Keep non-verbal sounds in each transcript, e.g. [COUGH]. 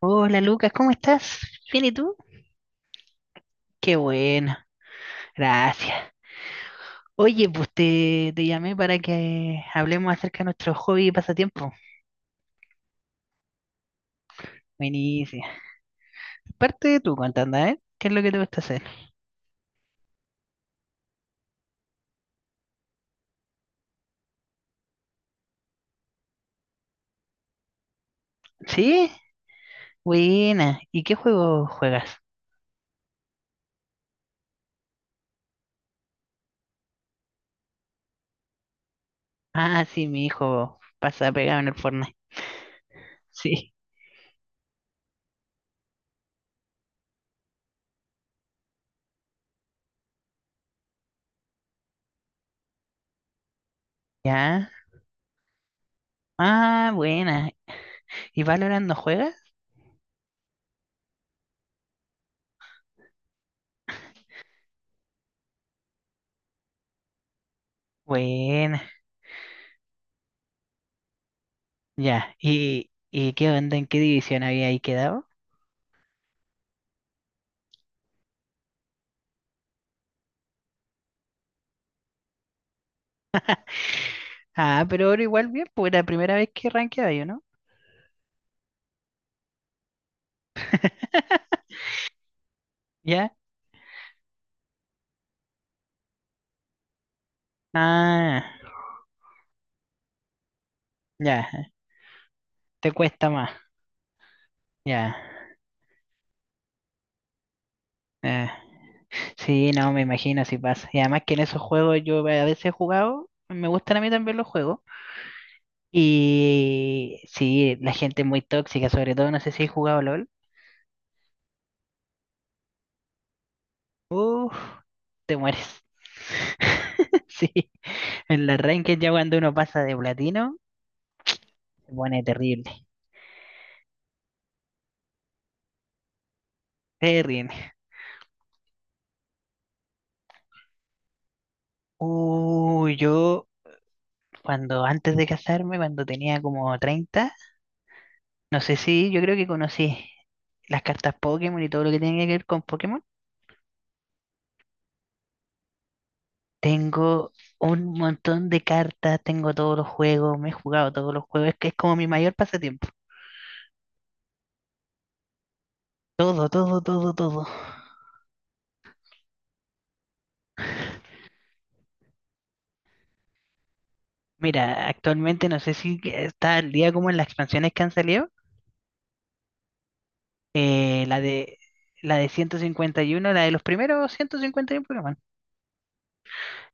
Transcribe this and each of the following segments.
Hola Lucas, ¿cómo estás? ¿Bien y tú? Qué bueno, gracias. Oye, pues te llamé para que hablemos acerca de nuestros hobbies y pasatiempo. Buenísimo. Parte tú contando, ¿eh? ¿Qué es lo que te gusta hacer? ¿Sí? Buena. ¿Y qué juego juegas? Ah, sí, mi hijo pasa pegado en el Fortnite. Sí. ¿Ya? Ah, buena. ¿Y Valorant no juegas? Buena. Ya. ¿Y qué onda? ¿En qué división había ahí quedado? Ah, pero ahora igual bien, pues era la primera vez que rankeaba yo, ¿no? [LAUGHS] ¿Ya? Ah, ya, te cuesta más, ya. eh, sí, no, me imagino si pasa. Y además que en esos juegos yo a veces he jugado, me gustan a mí también los juegos. Y sí, la gente es muy tóxica, sobre todo, no sé si he jugado LOL. Uf, te mueres. [LAUGHS] Sí, en la ranked ya cuando uno pasa de platino, se pone terrible, terrible. Uy, yo cuando antes de casarme, cuando tenía como 30 no sé si yo creo que conocí las cartas Pokémon y todo lo que tenía que ver con Pokémon. Tengo un montón de cartas, tengo todos los juegos, me he jugado todos los juegos, es que es como mi mayor pasatiempo. Todo, todo, todo, todo. Mira, actualmente no sé si que está al día como en las expansiones que han salido. eh, la de la de 151, la de los primeros 151 Pokémon.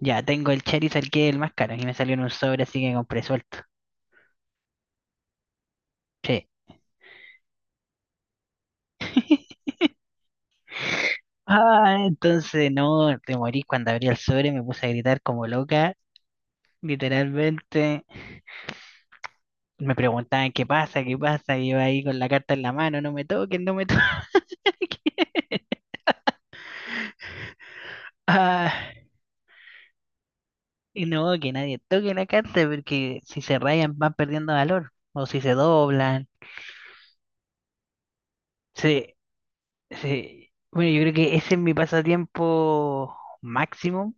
Ya tengo el Charizard que es el más caro y me salió en un sobre, así que compré suelto. Sí. [LAUGHS] Ah, entonces no, te morí cuando abrí el sobre, me puse a gritar como loca, literalmente. Me preguntaban qué pasa, y yo ahí con la carta en la mano, no me toquen, no me toquen. [LAUGHS] Ah, y no, que nadie toque la carta, porque si se rayan van perdiendo valor, o si se doblan. Sí, sí. Bueno, yo creo que ese es mi pasatiempo máximo.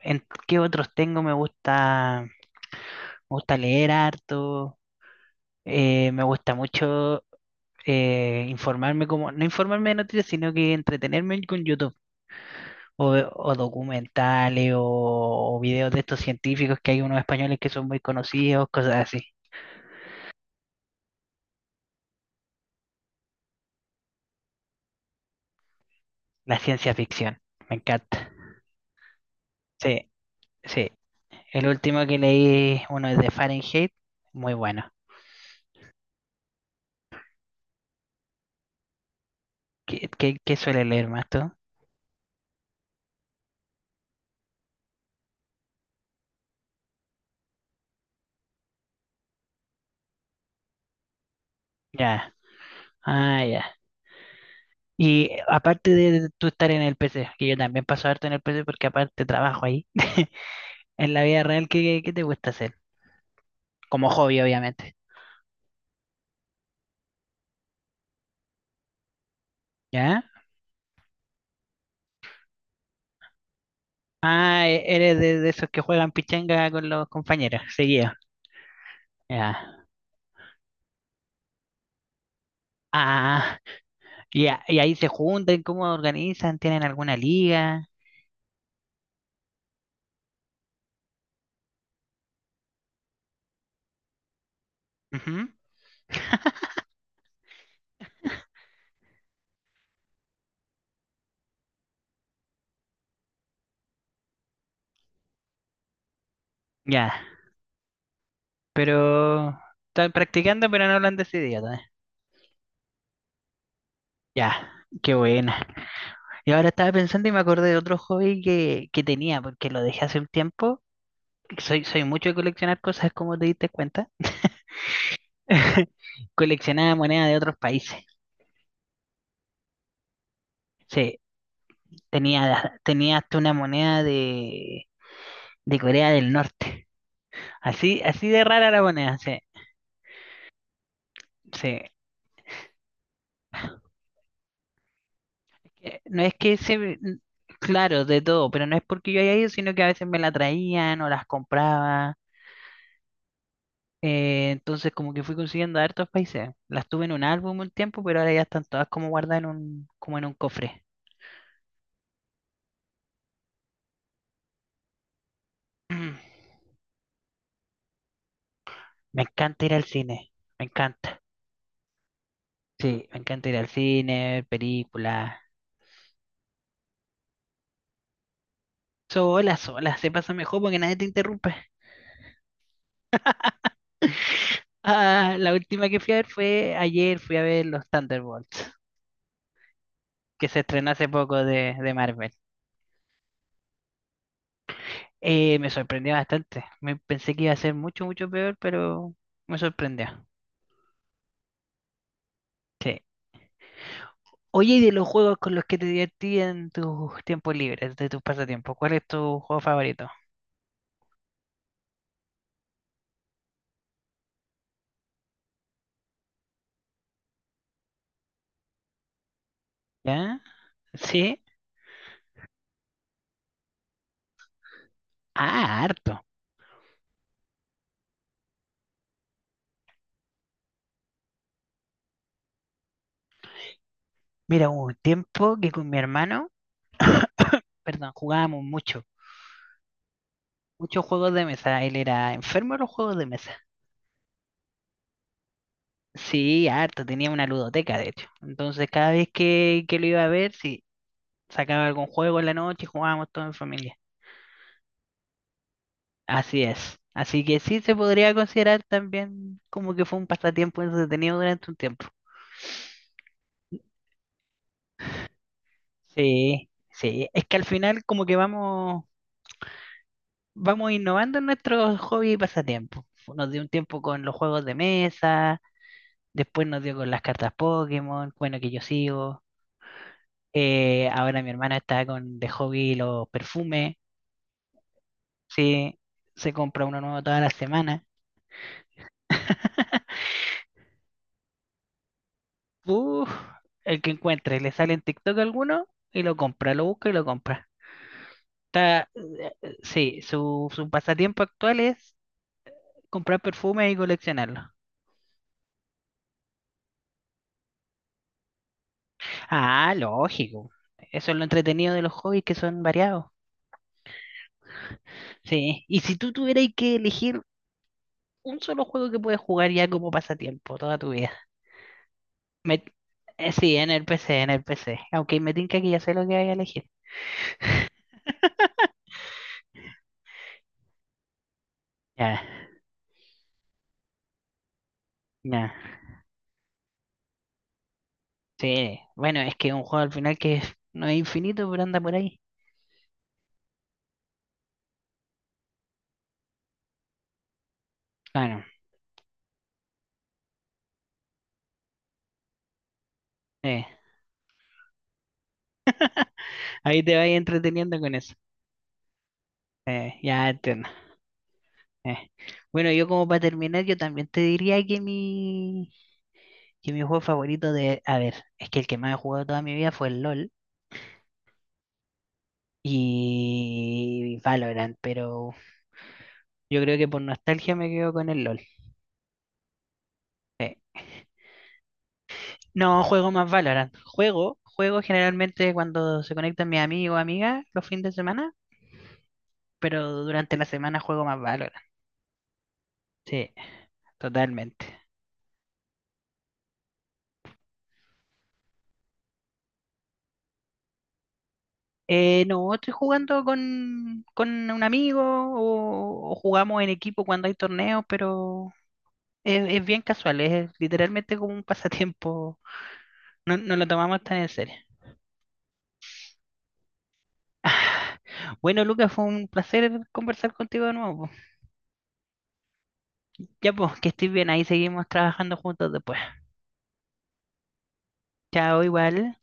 ¿En qué otros tengo? Me gusta leer harto, me gusta mucho. Informarme como, no informarme de noticias, sino que entretenerme con YouTube o, o documentales o videos de estos científicos que hay unos españoles que son muy conocidos, cosas así. La ciencia ficción, me encanta. Sí, sí. El último que leí, uno es de Fahrenheit, muy bueno. ¿Qué suele leer más tú? Ya, ah, ya. Y aparte de tú estar en el PC, que yo también paso harto en el PC porque aparte trabajo ahí, [LAUGHS] en la vida real, ¿qué te gusta hacer? Como hobby, obviamente. ¿Ya? Ah, eres de esos que juegan pichanga con los compañeros, seguido. Ya. Ah, y ahí se juntan, ¿cómo organizan? ¿Tienen alguna liga? Ujú, ya. Pero están practicando, pero no lo han decidido todavía. Ya, qué buena. Y ahora estaba pensando y me acordé de otro hobby que tenía, porque lo dejé hace un tiempo. Soy mucho de coleccionar cosas, como te diste cuenta. [LAUGHS] Coleccionaba monedas de otros países. Sí, tenía hasta una moneda de Corea del Norte. Así, así de rara la moneda, sí, sí. No es que se, claro, de todo, pero no es porque yo haya ido, sino que a veces me la traían o las compraba. Entonces como que fui consiguiendo de hartos países. Las tuve en un álbum un tiempo, pero ahora ya están todas como guardadas en como en un cofre. [CLEARS THROAT] Mm, Me encanta ir al cine, me encanta. Sí, me encanta ir al cine, ver películas. Sola, sola, se pasa mejor porque nadie te interrumpe. Ah, la última que fui a ver fue ayer, fui a ver los Thunderbolts, que se estrenó hace poco de Marvel. Me sorprendió bastante. Me pensé que iba a ser mucho, mucho peor, pero me sorprendió. Sí. Oye, y de los juegos con los que te divertí en tus tiempos libres, de tus pasatiempos, ¿cuál es tu juego favorito? ¿Ya? ¿Sí? Ah, harto. Mira, hubo un tiempo que con mi hermano, perdón, jugábamos mucho, muchos juegos de mesa. Él era enfermo de los juegos de mesa. Sí, harto, tenía una ludoteca, de hecho. Entonces, cada vez que lo iba a ver, sí, sacaba algún juego en la noche y jugábamos todo en familia. Así es. Así que sí se podría considerar también como que fue un pasatiempo entretenido durante un tiempo. Sí, sí. Es que al final como que vamos innovando en nuestros hobbies y pasatiempos. Nos dio un tiempo con los juegos de mesa, después nos dio con las cartas Pokémon, bueno, que yo sigo. Ahora mi hermana está con de hobby los perfumes. Si se compra uno nuevo toda la semana, uf, el que encuentre, le sale en TikTok alguno y lo compra, lo busca y lo compra. Sí, su pasatiempo actual es comprar perfumes y coleccionarlos. Ah, lógico. Eso es lo entretenido de los hobbies que son variados. Sí, y si tú tuvieras que elegir un solo juego que puedes jugar ya como pasatiempo toda tu vida. Me- sí, en el PC, en el PC. Aunque me tinca que ya sé lo que voy a elegir. Ya, ya. Sí, bueno, es que un juego al final que no es infinito, pero anda por ahí. Bueno, eh, ahí te vas entreteniendo con eso. Ya entiendo. eh. Bueno, yo como para terminar, yo también te diría que mi, juego favorito A ver, es que el que más he jugado toda mi vida fue el LOL y Valorant, pero yo creo que por nostalgia me quedo con el LOL. No, juego más Valorant. Juego generalmente cuando se conectan mis amigos o amigas los fines de semana, pero durante la semana juego más Valorant. Sí, totalmente. No, estoy jugando con un amigo o jugamos en equipo cuando hay torneos, pero es bien casual, es literalmente como un pasatiempo. No, no lo tomamos tan en serio. [SIGHS] Ah, bueno, Lucas, fue un placer conversar contigo de nuevo, po. Ya pues, que estés bien, ahí seguimos trabajando juntos después. Chao, igual.